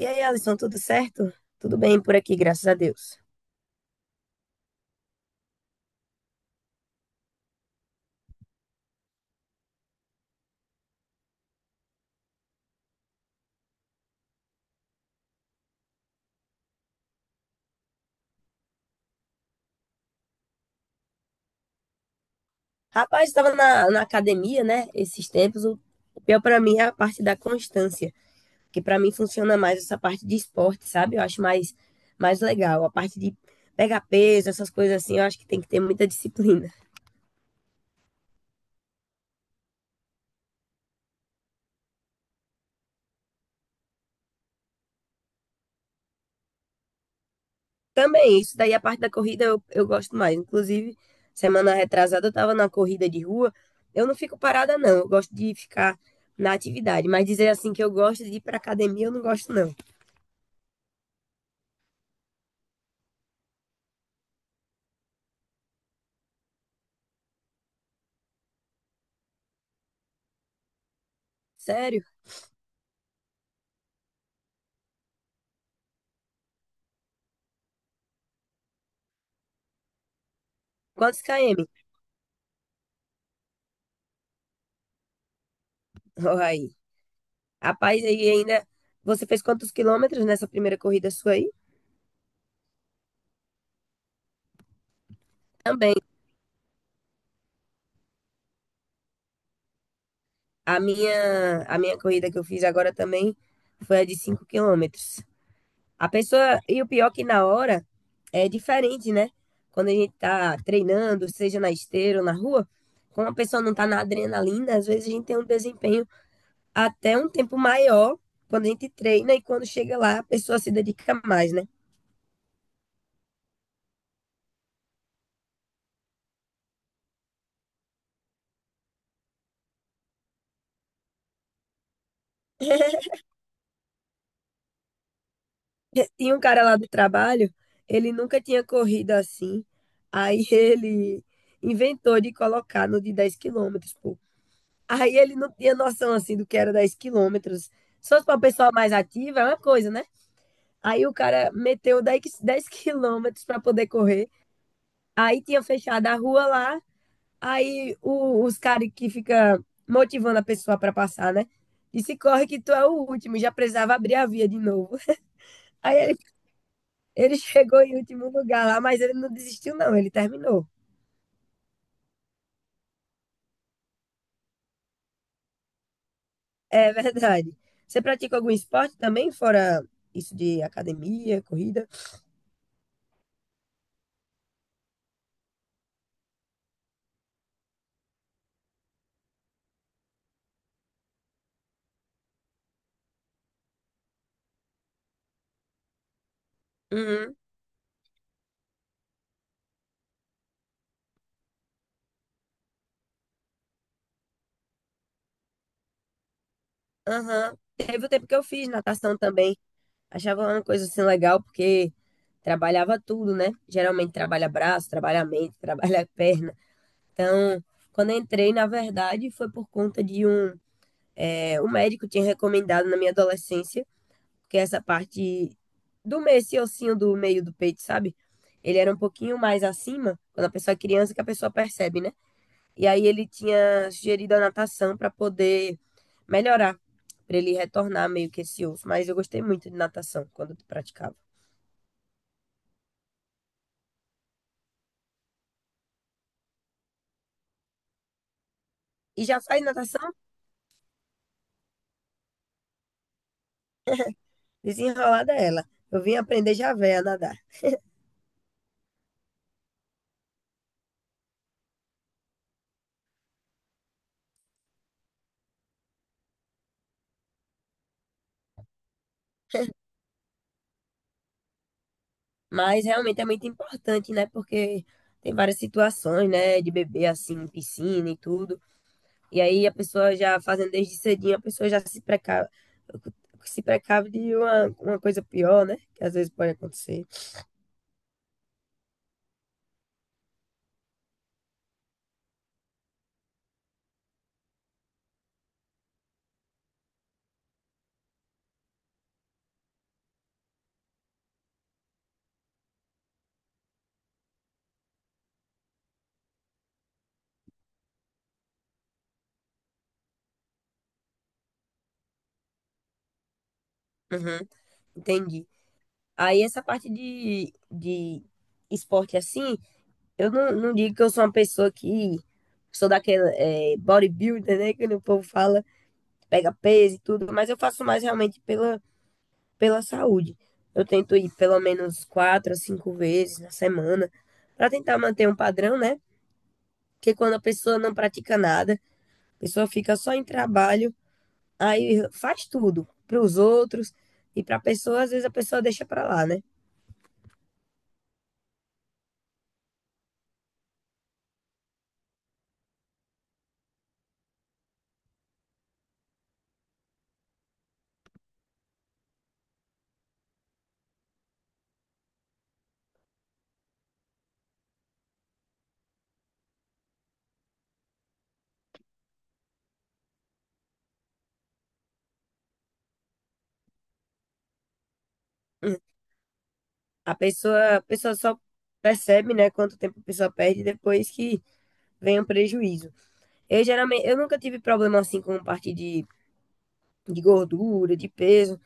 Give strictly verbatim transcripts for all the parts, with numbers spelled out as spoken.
E aí, Alisson, tudo certo? Tudo bem por aqui, graças a Deus. Rapaz, estava na, na academia, né? Esses tempos, o, o pior para mim é a parte da constância, que para mim funciona mais essa parte de esporte, sabe? Eu acho mais, mais legal. A parte de pegar peso, essas coisas assim, eu acho que tem que ter muita disciplina. Também, isso daí, a parte da corrida eu, eu gosto mais. Inclusive, semana retrasada eu estava na corrida de rua. Eu não fico parada, não. Eu gosto de ficar na atividade, mas dizer assim que eu gosto de ir para academia, eu não gosto, não. Sério? Quantos km? Ó, aí. Rapaz, aí ainda. Você fez quantos quilômetros nessa primeira corrida sua aí? Também. A minha, a minha corrida que eu fiz agora também foi a de cinco quilômetros. A pessoa. E o pior que na hora é diferente, né? Quando a gente tá treinando, seja na esteira ou na rua, como a pessoa não tá na adrenalina, às vezes a gente tem um desempenho até um tempo maior quando a gente treina e quando chega lá a pessoa se dedica mais, né? Tinha um cara lá do trabalho, ele nunca tinha corrido assim. Aí ele inventou de colocar no de dez quilômetros, pô. Aí ele não tinha noção assim do que era dez quilômetros. Se fosse pra uma pessoa mais ativa, é uma coisa, né? Aí o cara meteu dez qui- dez quilômetros pra poder correr. Aí tinha fechado a rua lá. Aí o- os caras que fica motivando a pessoa pra passar, né? Disse, corre que tu é o último, e já precisava abrir a via de novo. Aí ele Ele chegou em último lugar lá, mas ele não desistiu, não. Ele terminou. É verdade. Você pratica algum esporte também, fora isso de academia, corrida? Uhum, aham. Teve o tempo que eu fiz natação também. Achava uma coisa assim legal, porque trabalhava tudo, né? Geralmente trabalha braço, trabalha mente, trabalha perna. Então, quando eu entrei, na verdade, foi por conta de um, é, um médico tinha recomendado na minha adolescência. Porque essa parte do meio, esse ossinho do meio do peito, sabe? Ele era um pouquinho mais acima, quando a pessoa é criança, que a pessoa percebe, né? E aí ele tinha sugerido a natação para poder melhorar, para ele retornar meio que esse osso. Mas eu gostei muito de natação quando praticava. E já faz natação desenrolada ela. Eu vim aprender já véia a nadar. Mas realmente é muito importante, né? Porque tem várias situações, né? De bebê assim, em piscina e tudo. E aí a pessoa já fazendo desde cedinho, a pessoa já se precave, se precave de uma, uma coisa pior, né? Que às vezes pode acontecer. Uhum. Entendi. Aí essa parte de, de esporte assim, eu não, não digo que eu sou uma pessoa que sou daquela é, bodybuilder, né? Que o povo fala, pega peso e tudo, mas eu faço mais realmente pela, pela saúde. Eu tento ir pelo menos quatro a cinco vezes na semana, para tentar manter um padrão, né? Porque quando a pessoa não pratica nada, a pessoa fica só em trabalho, aí faz tudo para os outros e para a pessoa, às vezes a pessoa deixa para lá, né? A pessoa, a pessoa só percebe, né, quanto tempo a pessoa perde depois que vem o prejuízo. Eu geralmente, eu nunca tive problema assim com parte de, de gordura, de peso,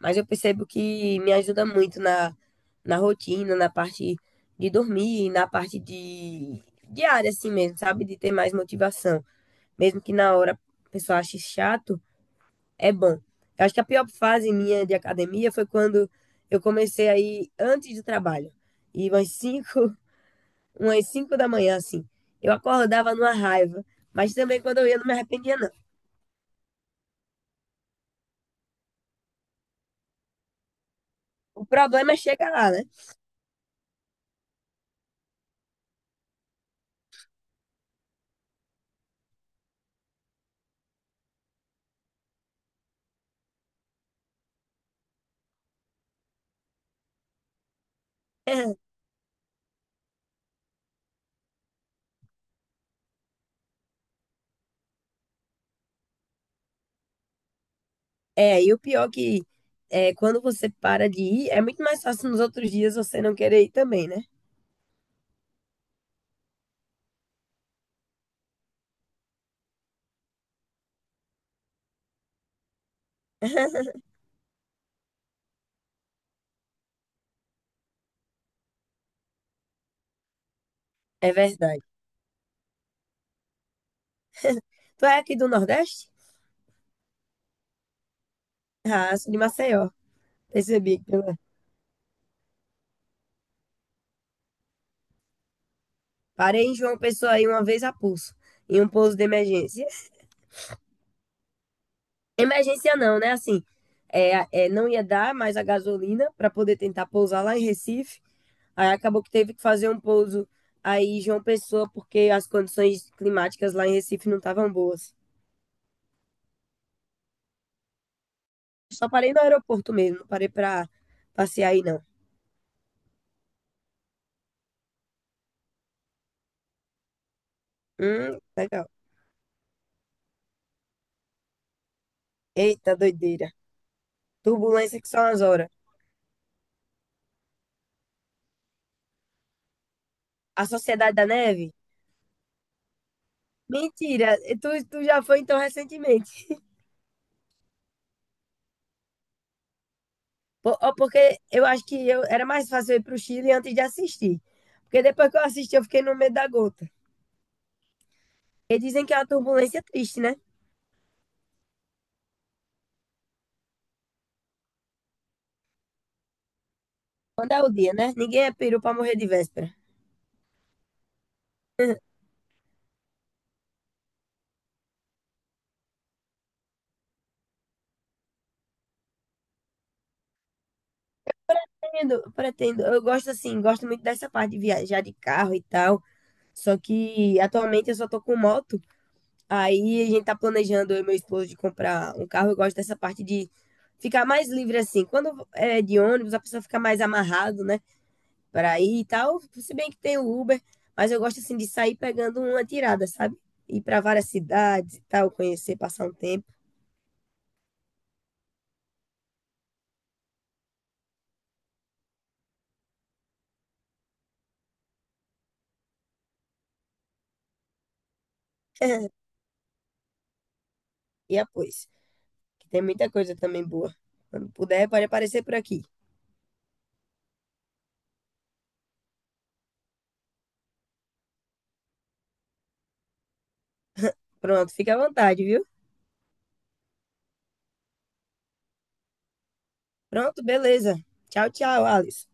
mas eu percebo que me ajuda muito na, na rotina, na parte de dormir, na parte de diária assim mesmo, sabe? De ter mais motivação. Mesmo que na hora a pessoa ache chato, é bom. Eu acho que a pior fase minha de academia foi quando eu comecei a ir antes do trabalho. E umas cinco, umas cinco da manhã, assim. Eu acordava numa raiva, mas também quando eu ia não me arrependia, não. O problema é chegar lá, né? É, e o pior que é, quando você para de ir, é muito mais fácil nos outros dias você não querer ir também, né? É verdade. Tu é aqui do Nordeste? Ah, sou de Maceió. Percebi. que eu- Parei em João Pessoa aí uma vez a pulso, em um pouso de emergência. Emergência não, né? Assim, é, é, não ia dar mais a gasolina para poder tentar pousar lá em Recife. Aí acabou que teve que fazer um pouso aí em João Pessoa, porque as condições climáticas lá em Recife não estavam boas. Só parei no aeroporto mesmo, não parei para passear aí, não. Hum, legal. Eita, doideira. Turbulência que são as horas. A Sociedade da Neve? Mentira, tu, tu já foi então recentemente. Po- ó, porque eu acho que eu, era mais fácil eu ir para o Chile antes de assistir. Porque depois que eu assisti, eu fiquei no medo da gota. E dizem que é uma turbulência triste, né? Quando é o dia, né? Ninguém é peru para morrer de véspera. Pretendo, pretendo. Eu gosto assim, gosto muito dessa parte de viajar de carro e tal. Só que atualmente eu só tô com moto. Aí a gente tá planejando, eu e meu esposo, de comprar um carro. Eu gosto dessa parte de ficar mais livre assim. Quando é de ônibus, a pessoa fica mais amarrado, né? Para ir e tal. Se bem que tem o Uber, mas eu gosto assim de sair pegando uma tirada, sabe? Ir para várias cidades e tal, conhecer, passar um tempo. E após, que tem muita coisa também boa. Quando puder, pode aparecer por aqui. Pronto, fica à vontade, viu? Pronto, beleza. Tchau, tchau, Alice.